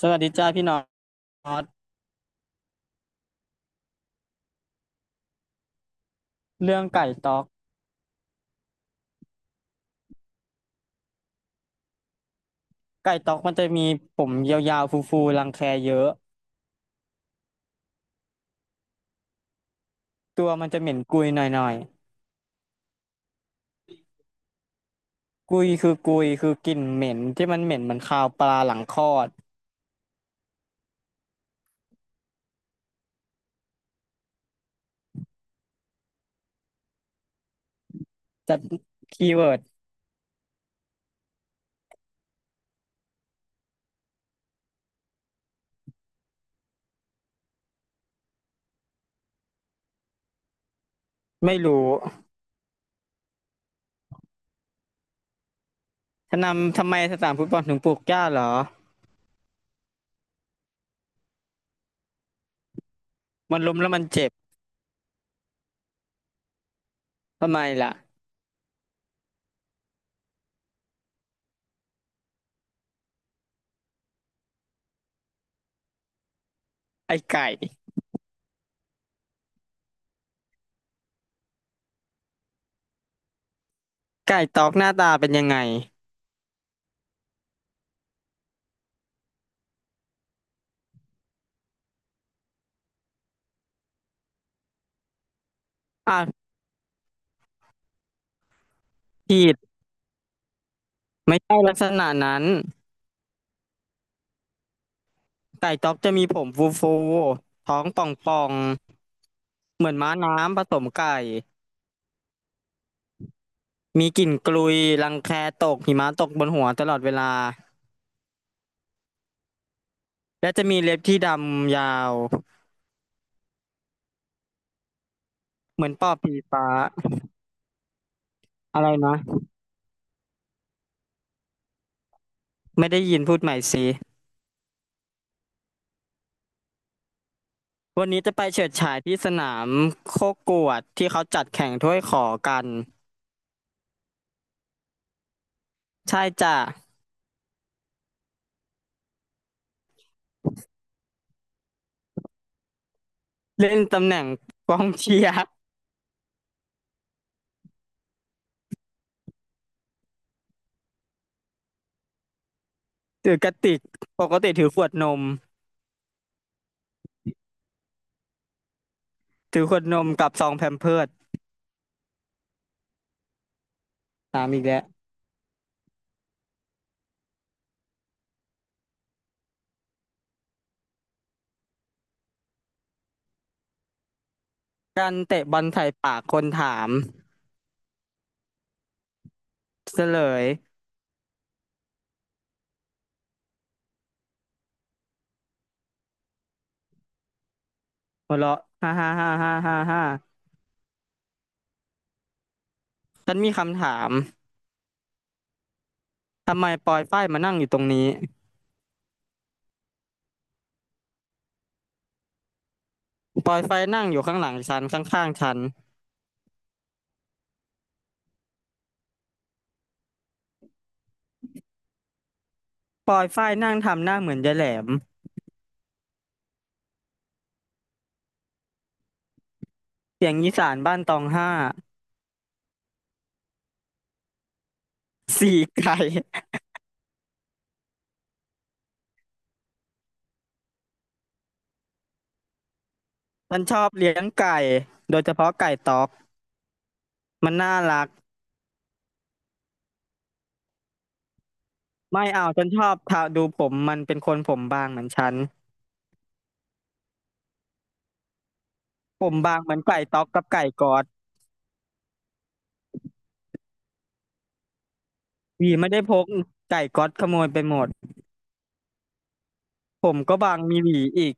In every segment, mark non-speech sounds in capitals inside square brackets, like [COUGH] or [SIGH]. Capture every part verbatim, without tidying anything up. สวัสดีจ้าพี่น็อตเรื่องไก่ต๊อกไก่ต๊อกมันจะมีผมยาวๆฟูๆรังแคเยอะตัวมันจะเหม็นกุยหน่อยๆกุยคือกุยคือกลิ่นเหม็นที่มันเหม็นเหมือนคาวปลาหลังคลอดจะคีย์เวิร์ดไม่รู้ทนำทำไมสนามฟุตบอลถึงปลูกหญ้าเหรอมันล้มแล้วมันเจ็บทำไมล่ะไอ้ไก่ไก่ต๊อกหน้าตาเป็นยังไงอ่ะผิดไม่ใช่ลักษณะนั้นไก่ต๊อกจะมีผมฟูๆท้องป่อง เหมือนม้าน้ำผสมไก่ มีกลิ่นกลุยรังแคตกหิมะตกบนหัวตลอดเวลา และจะมีเล็บที่ดำยาวเหมือนปอบผีฟ้าอะไรนะไม่ได้ยินพูดใหม่สิวันนี้จะไปเฉิดฉายที่สนามโคกวดที่เขาจัดแข่งถ้วยขอกันใช่จ้ะเล่นตำแหน่งกองเชียร์ถือกระติกปกติถือขวดนมถือขวดนมกับซองแพมเพิร์สตามอีกแล้วการเตะบอลใส่ปากคนถามเฉลย หัวเราะฮ่าฮ่าฮ่าฮ่าฮ่าฮ่าฉันมีคำถามทำไมปอยฝ้ายมานั่งอยู่ตรงนี้ปอยฝ้ายนั่งอยู่ข้างหลังฉันข้างๆฉันปอยฝ้ายนั่งทำหน้าเหมือนยายแหลมเสียงอีสานบ้านตองห้าสี่ไก่ฉันชอบเลี้ยงไก่โดยเฉพาะไก่ต๊อกมันน่ารักไม่เอาฉันชอบทาดูผมมันเป็นคนผมบางเหมือนฉันผมบางเหมือนไก่ต๊อกกับไก่กอดหวีไม่ได้พกไก่ก๊อดขโมยไปหมดผมก็บางมีหวีอีก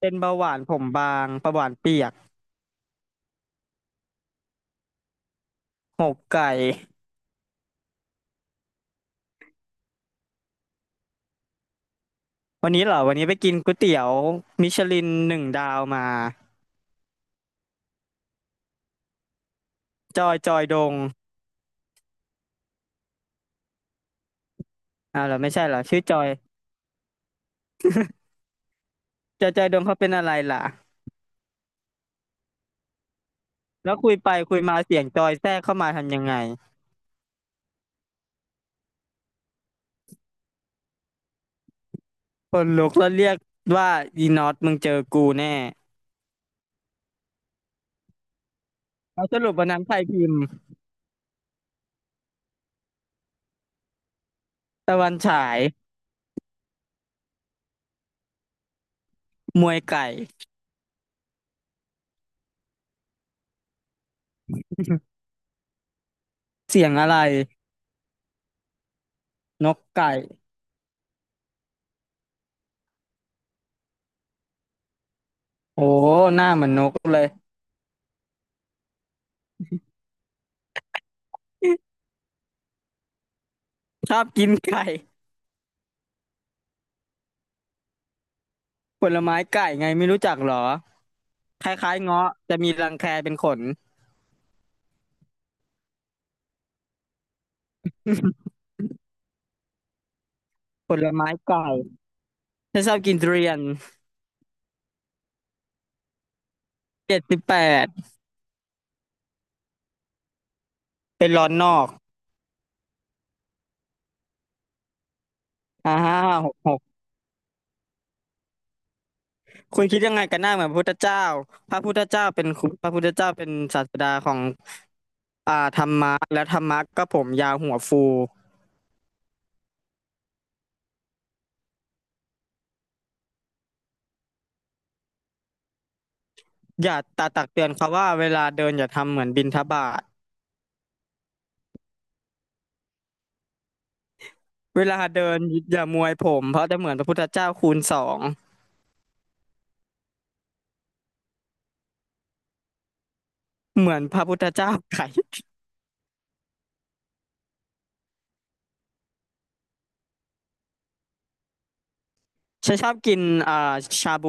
เป็นเบาหวานผมบางเบาหวานเปียก หมกไก่ วันนี้เหรอ วันนี้ไปกินก๋วยเตี๋ยวมิชลินหนึ่งดาวมา จอยจอยดงอ่าวเหรอไม่ใช่เหรอ ชื่อจอย จอยจอยดงเขาเป็นอะไรล่ะแล้วคุยไปคุยมาเสียงจอยแทรกเข้ามาทำยังไงคนลุกแล้วเรียกว่าอีน็อตมึงเจอกูแน่แล้วสรุปวันนั้นใครพิมพ์ตะวันฉาย มวยไก่ เสียงอะไร นกไก่ โอ้ หน้าเหมือนนกเลยชอบกินไก่ ผลไม้ไก่ไงไม่รู้จักเหรอคล้ายๆเงาะจะมีรังแคเป็นขน ผลไม้เก่าฉันชอบกินทุเรียนเจ็ดสิบแปดเป็นร้อนนอกอ่าห้าหกหกคุณคิดยังไงกันหน้าเหมือนพระพุทธเจ้าพระพุทธเจ้าเป็นครูพระพุทธเจ้าเป็นศาสดาของอ่าธรรมะและธรรมะก็ผมยาวหัวฟูอย่าตาตักเตือนเขาว่าเวลาเดินอย่าทำเหมือนบิณฑบาตเวลาเดินอย่ามวยผมเพราะจะเหมือนพระพุทธเจ้าคูณสองเหมือนพระพุทธเจ้าไก่ [LAUGHS] ฉันชอบกินอ่าชาบู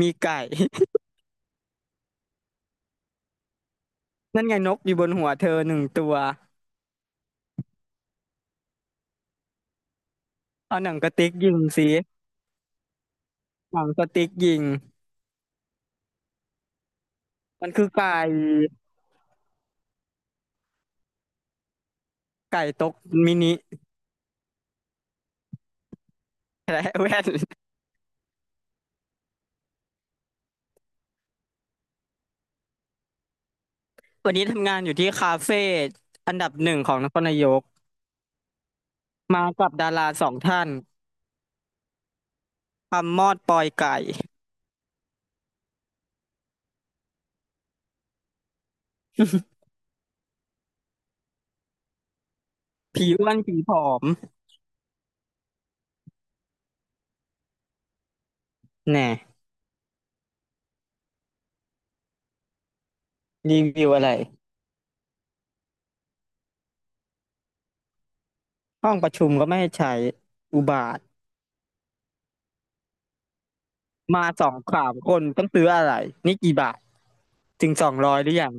มีไก่ [LAUGHS] นั่นไงนกอยู่บนหัวเธอหนึ่งตัว เอาหนังกระติกยิงสิหนังกระติกยิงมันคือไก่ไก่ตกมินิและแว่น [LAUGHS] วันนี้ทำงานอยู่ที่คาเฟ่อันดับหนึ่งของนครนายกมากับดาราสองท่านคำมอดปอยไก่ [LAUGHS] ผีอ้วนผีผอมแน่รีวิวอะไรห้องประชุมก็ไม่ให้ใช้อุบาทมาสองสามคนต้องซื้ออะไรนี่กี่บาทถึงสองร้อยหรือยัง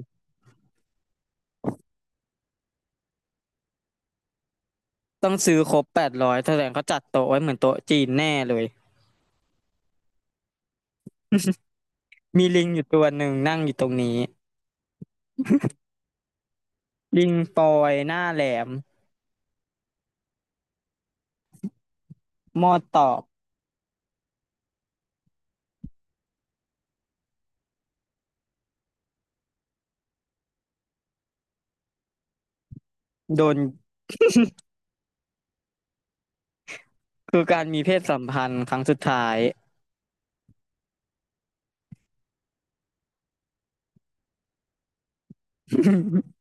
ต้องซื้อครบแปดร้อยแสดงเขาจัดโต๊ะไว้เหมือนโต๊ะจีนแน่เลย มีลิงอยู่ตัวหนึ่งนั่งอยู่ตรงนี้ลิงปอยหน้าแหลมมอดตอบโดนคือการมีเพศสัมพันธ์ครั้งสุดท้าย [LAUGHS]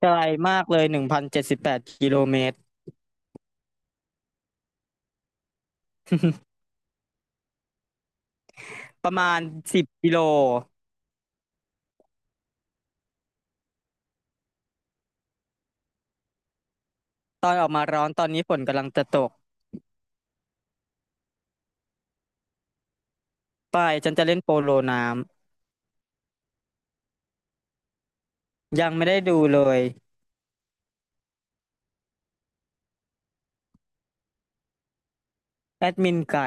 ไกลมากเลยหนึ่งพันเจ็ดสิบแปดกิโลเมตรประมาณสิบกิโลตอนออกมาร้อนตอนนี้ฝนกำลังจะตกไปฉันจะเล่นโปโลน้ำยังไม่ได้ดูเลยแอดมินไก่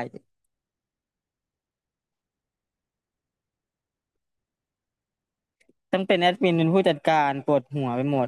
ต้องเป็นแอดมินเป็นผู้จัดการปวดหัวไปหมด